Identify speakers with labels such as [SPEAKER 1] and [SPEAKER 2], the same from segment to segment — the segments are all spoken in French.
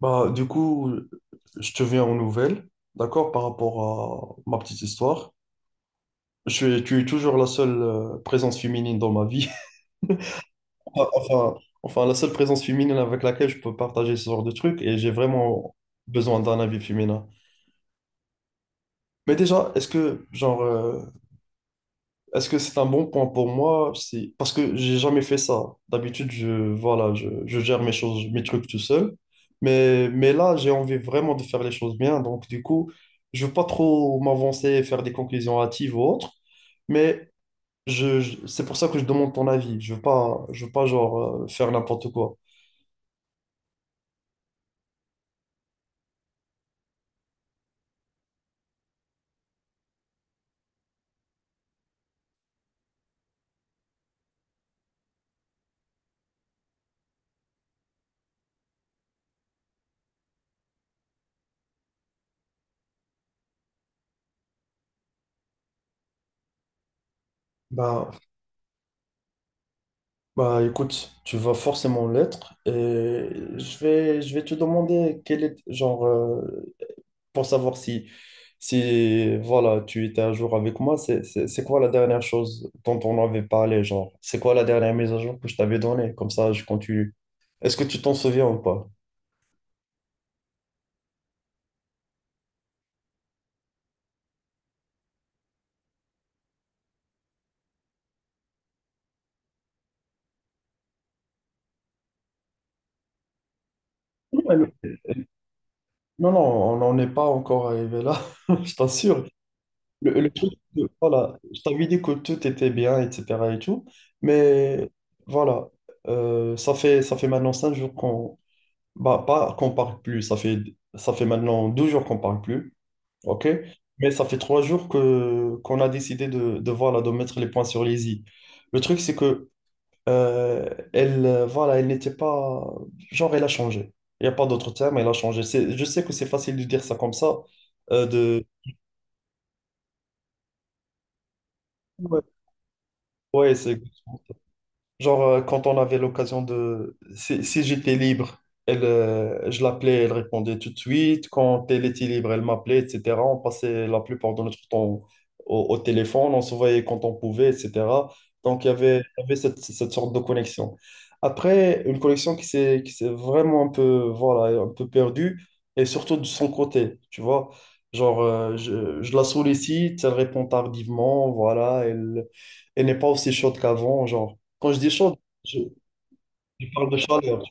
[SPEAKER 1] Bah, du coup, je te viens aux nouvelles, d'accord, par rapport à ma petite histoire. Tu es toujours la seule présence féminine dans ma vie. Enfin, enfin, la seule présence féminine avec laquelle je peux partager ce genre de trucs et j'ai vraiment besoin d'un avis féminin. Mais déjà, est-ce que, genre, est-ce que c'est un bon point pour moi? Si... Parce que j'ai jamais fait ça. D'habitude, je gère mes choses, mes trucs tout seul. Mais là, j'ai envie vraiment de faire les choses bien. Donc, du coup, je veux pas trop m'avancer et faire des conclusions hâtives ou autres. Mais c'est pour ça que je demande ton avis. Je veux pas genre faire n'importe quoi. Bah, bah écoute, tu vas forcément l'être et je vais te demander quel est genre pour savoir si, si voilà, tu étais à jour avec moi, c'est quoi la dernière chose dont on avait parlé, genre, c'est quoi la dernière mise à jour que je t'avais donnée? Comme ça, je continue. Est-ce que tu t'en souviens ou pas? Non, mais le- non, non, on n'en est pas encore arrivé là, je t'assure. Le truc, voilà, je t'avais dit que tout était bien, etc. et tout, mais voilà, ça fait maintenant 5 jours qu'on bah, pas qu'on parle plus, ça fait maintenant 12 jours qu'on parle plus. OK? Mais ça fait 3 jours que qu'on a décidé de voilà, de mettre les points sur les i. Le truc, c'est que voilà, elle n'était pas. Genre, elle a changé. Il n'y a pas d'autre terme, elle a changé. C'est- Je sais que c'est facile de dire ça comme ça. De... Ouais, ouais, c'est. Genre, quand on avait l'occasion de... Si j'étais libre, je l'appelais, elle répondait tout de suite. Quand elle était libre, elle m'appelait, etc. On passait la plupart de notre temps au téléphone, on se voyait quand on pouvait, etc. Donc, il y avait cette sorte de connexion. Après, une connexion qui s'est vraiment un peu, voilà, un peu perdue, et surtout de son côté, tu vois. Genre, je la sollicite, elle répond tardivement, voilà, elle n'est pas aussi chaude qu'avant, genre. Quand je dis chaud, je, je parle de chaleur.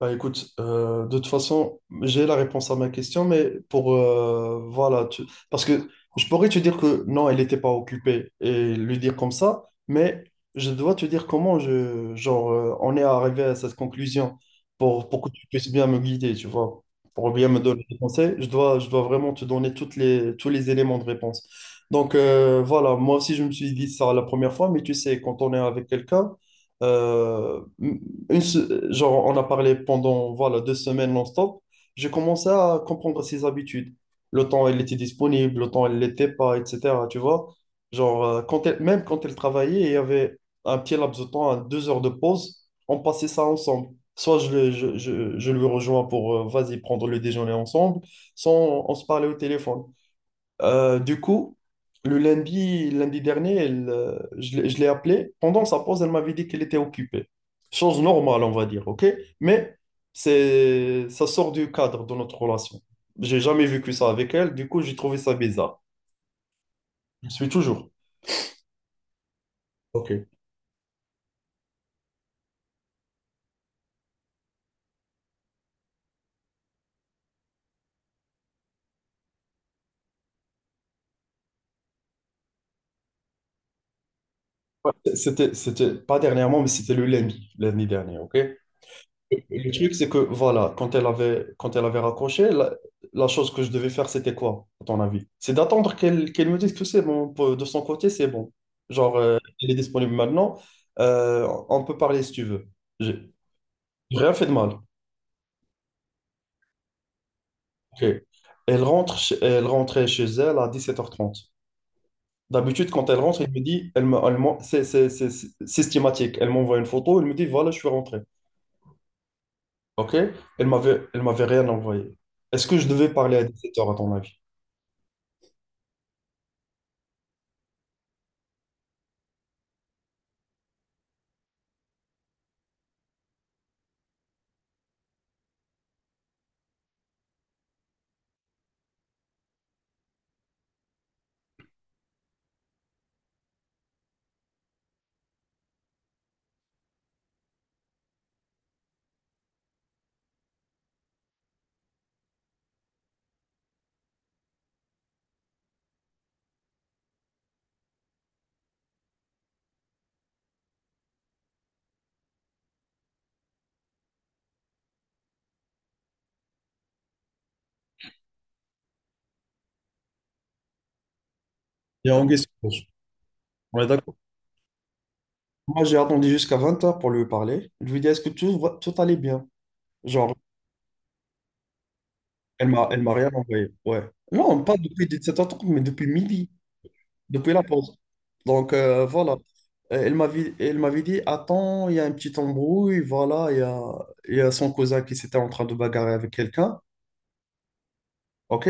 [SPEAKER 1] Bah écoute, de toute façon, j'ai la réponse à ma question, mais pour voilà, parce que je pourrais te dire que non, elle n'était pas occupée et lui dire comme ça, mais je dois te dire comment je genre on est arrivé à cette conclusion pour que tu puisses bien me guider, tu vois, pour bien me donner des conseils, je dois vraiment te donner toutes les tous les éléments de réponse. Donc voilà, moi aussi je me suis dit ça la première fois, mais tu sais, quand on est avec quelqu'un genre, on a parlé pendant, voilà, 2 semaines non-stop. J'ai commencé à comprendre ses habitudes. Le temps, elle était disponible, le temps, elle ne l'était pas, etc. Tu vois? Genre, même quand elle travaillait, il y avait un petit laps de temps, à 2 heures de pause. On passait ça ensemble. Soit je, le- je lui rejoins pour, vas-y, prendre le déjeuner ensemble, soit on se parlait au téléphone. Du coup, lundi dernier, elle, je l'ai appelée. Pendant sa pause, elle m'avait dit qu'elle était occupée. Chose normale, on va dire, OK? Mais ça sort du cadre de notre relation. J'ai jamais vécu ça avec elle. Du coup, j'ai trouvé ça bizarre. Je suis toujours. OK. C'était pas dernièrement, mais c'était le lundi, lundi dernier, OK? Le truc, c'est que, voilà, quand elle avait raccroché, la chose que je devais faire, c'était quoi, à ton avis? C'est d'attendre qu'elle me dise que c'est bon, de son côté, c'est bon. Genre, elle est disponible maintenant, on peut parler si tu veux. J'ai j'ai rien fait de mal. Ok. Elle rentrait chez elle à 17h30. D'habitude, quand elle rentre, elle me dit, elle me, elle m'en- c'est systématique. Elle m'envoie une photo, elle me dit, voilà, je suis rentré. OK? Elle m'avait rien envoyé. Est-ce que je devais parler à 17h à ton avis? Il y a Anguille Sauvage. On est d'accord. Moi, j'ai attendu jusqu'à 20h pour lui parler. Je lui dis, est-ce que tout allait bien? Genre, elle m'a rien envoyé. Ouais. Non, pas depuis 17h30, mais depuis midi, depuis la pause. Donc, voilà. Elle m'avait dit, attends, il y a un petit embrouille, voilà, il y a son cousin qui s'était en train de bagarrer avec quelqu'un. OK?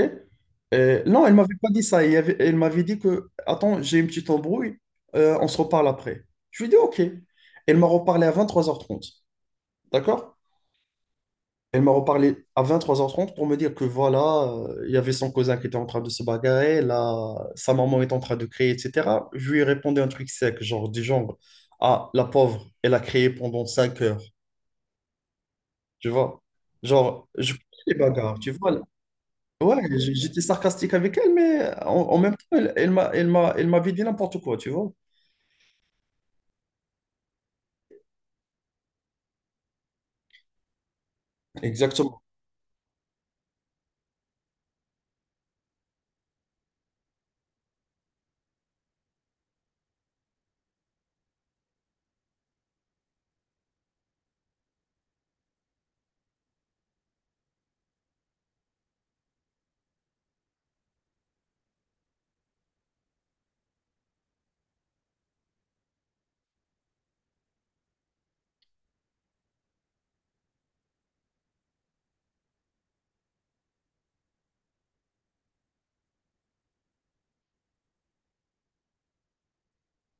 [SPEAKER 1] Non, elle m'avait pas dit ça. Elle m'avait dit que, attends, j'ai une petite embrouille, on se reparle après. Je lui ai dit, OK. Elle m'a reparlé à 23h30. D'accord? Elle m'a reparlé à vingt-trois heures trente pour me dire que voilà, il y avait son cousin qui était en train de se bagarrer, là, sa maman est en train de crier, etc. Je lui ai répondu un truc sec, du genre, ah, la pauvre, elle a crié pendant 5 heures, tu vois? Genre, je connais les bagarres, tu vois? J'étais sarcastique avec elle, mais en même temps, elle m'avait dit n'importe quoi, tu vois. Exactement.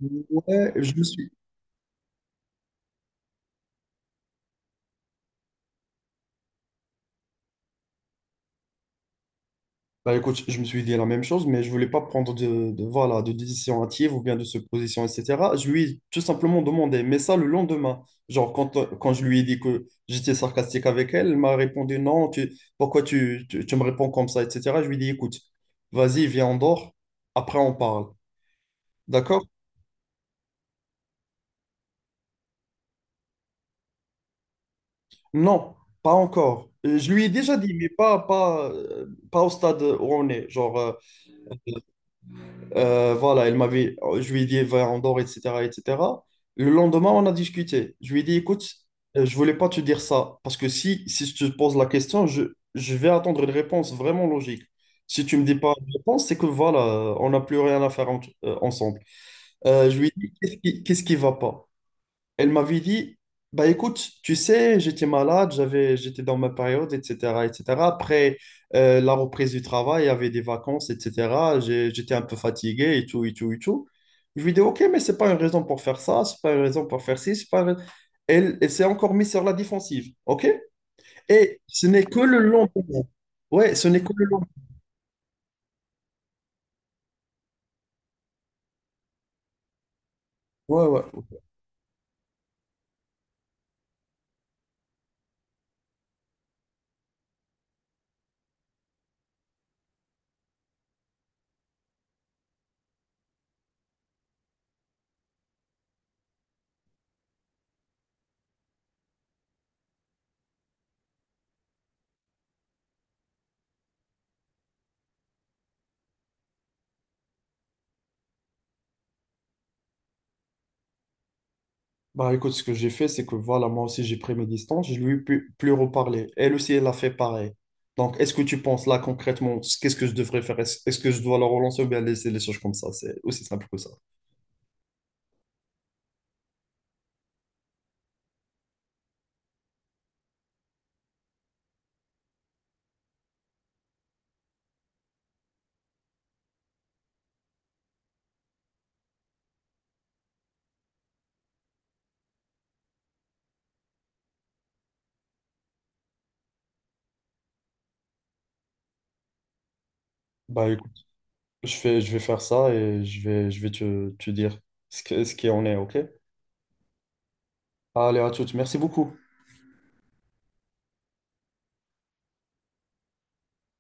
[SPEAKER 1] Ouais, je me suis. Bah écoute, je me suis dit la même chose, mais je voulais pas prendre voilà, de décision hâtive ou bien de se supposition, etc. Je lui ai tout simplement demandé, mais ça le lendemain. Genre, quand je lui ai dit que j'étais sarcastique avec elle, elle m'a répondu non, pourquoi tu me réponds comme ça, etc. Je lui ai dit écoute, vas-y, viens, on dort, après on parle. D'accord? Non, pas encore. Je lui ai déjà dit, mais pas au stade où on est. Genre, voilà, je lui ai dit, va en dehors, etc., etc. Le lendemain, on a discuté. Je lui ai dit, écoute, je voulais pas te dire ça, parce que si, si je te pose la question, je vais attendre une réponse vraiment logique. Si tu me dis pas une réponse, c'est que voilà, on n'a plus rien à faire ensemble. Je lui ai dit, qu'est-ce qui va pas? Elle m'avait dit, bah écoute, tu sais, j'étais dans ma période, etc., etc. Après la reprise du travail, il y avait des vacances, etc. J'étais un peu fatigué et tout, et tout, et tout. Je lui ai dit, ok, mais c'est pas une raison pour faire ça, c'est pas une raison pour faire ci, c'est pas. Une rais- elle elle s'est encore mise sur la défensive, ok? Et ce n'est que le lendemain. Ouais, ce n'est que le lendemain. Ouais, ouais. Bah écoute, ce que j'ai fait, c'est que voilà, moi aussi j'ai pris mes distances, je lui ai pu- plus reparler. Elle aussi, elle a fait pareil. Donc, est-ce que tu penses là concrètement, qu'est-ce que je devrais faire? Est-ce que je dois la relancer ou bien laisser les choses comme ça? C'est aussi simple que ça. Bah Je fais, je vais faire ça et je vais te te dire ce que, ce qui en est, ok? Allez, à toutes. Merci beaucoup.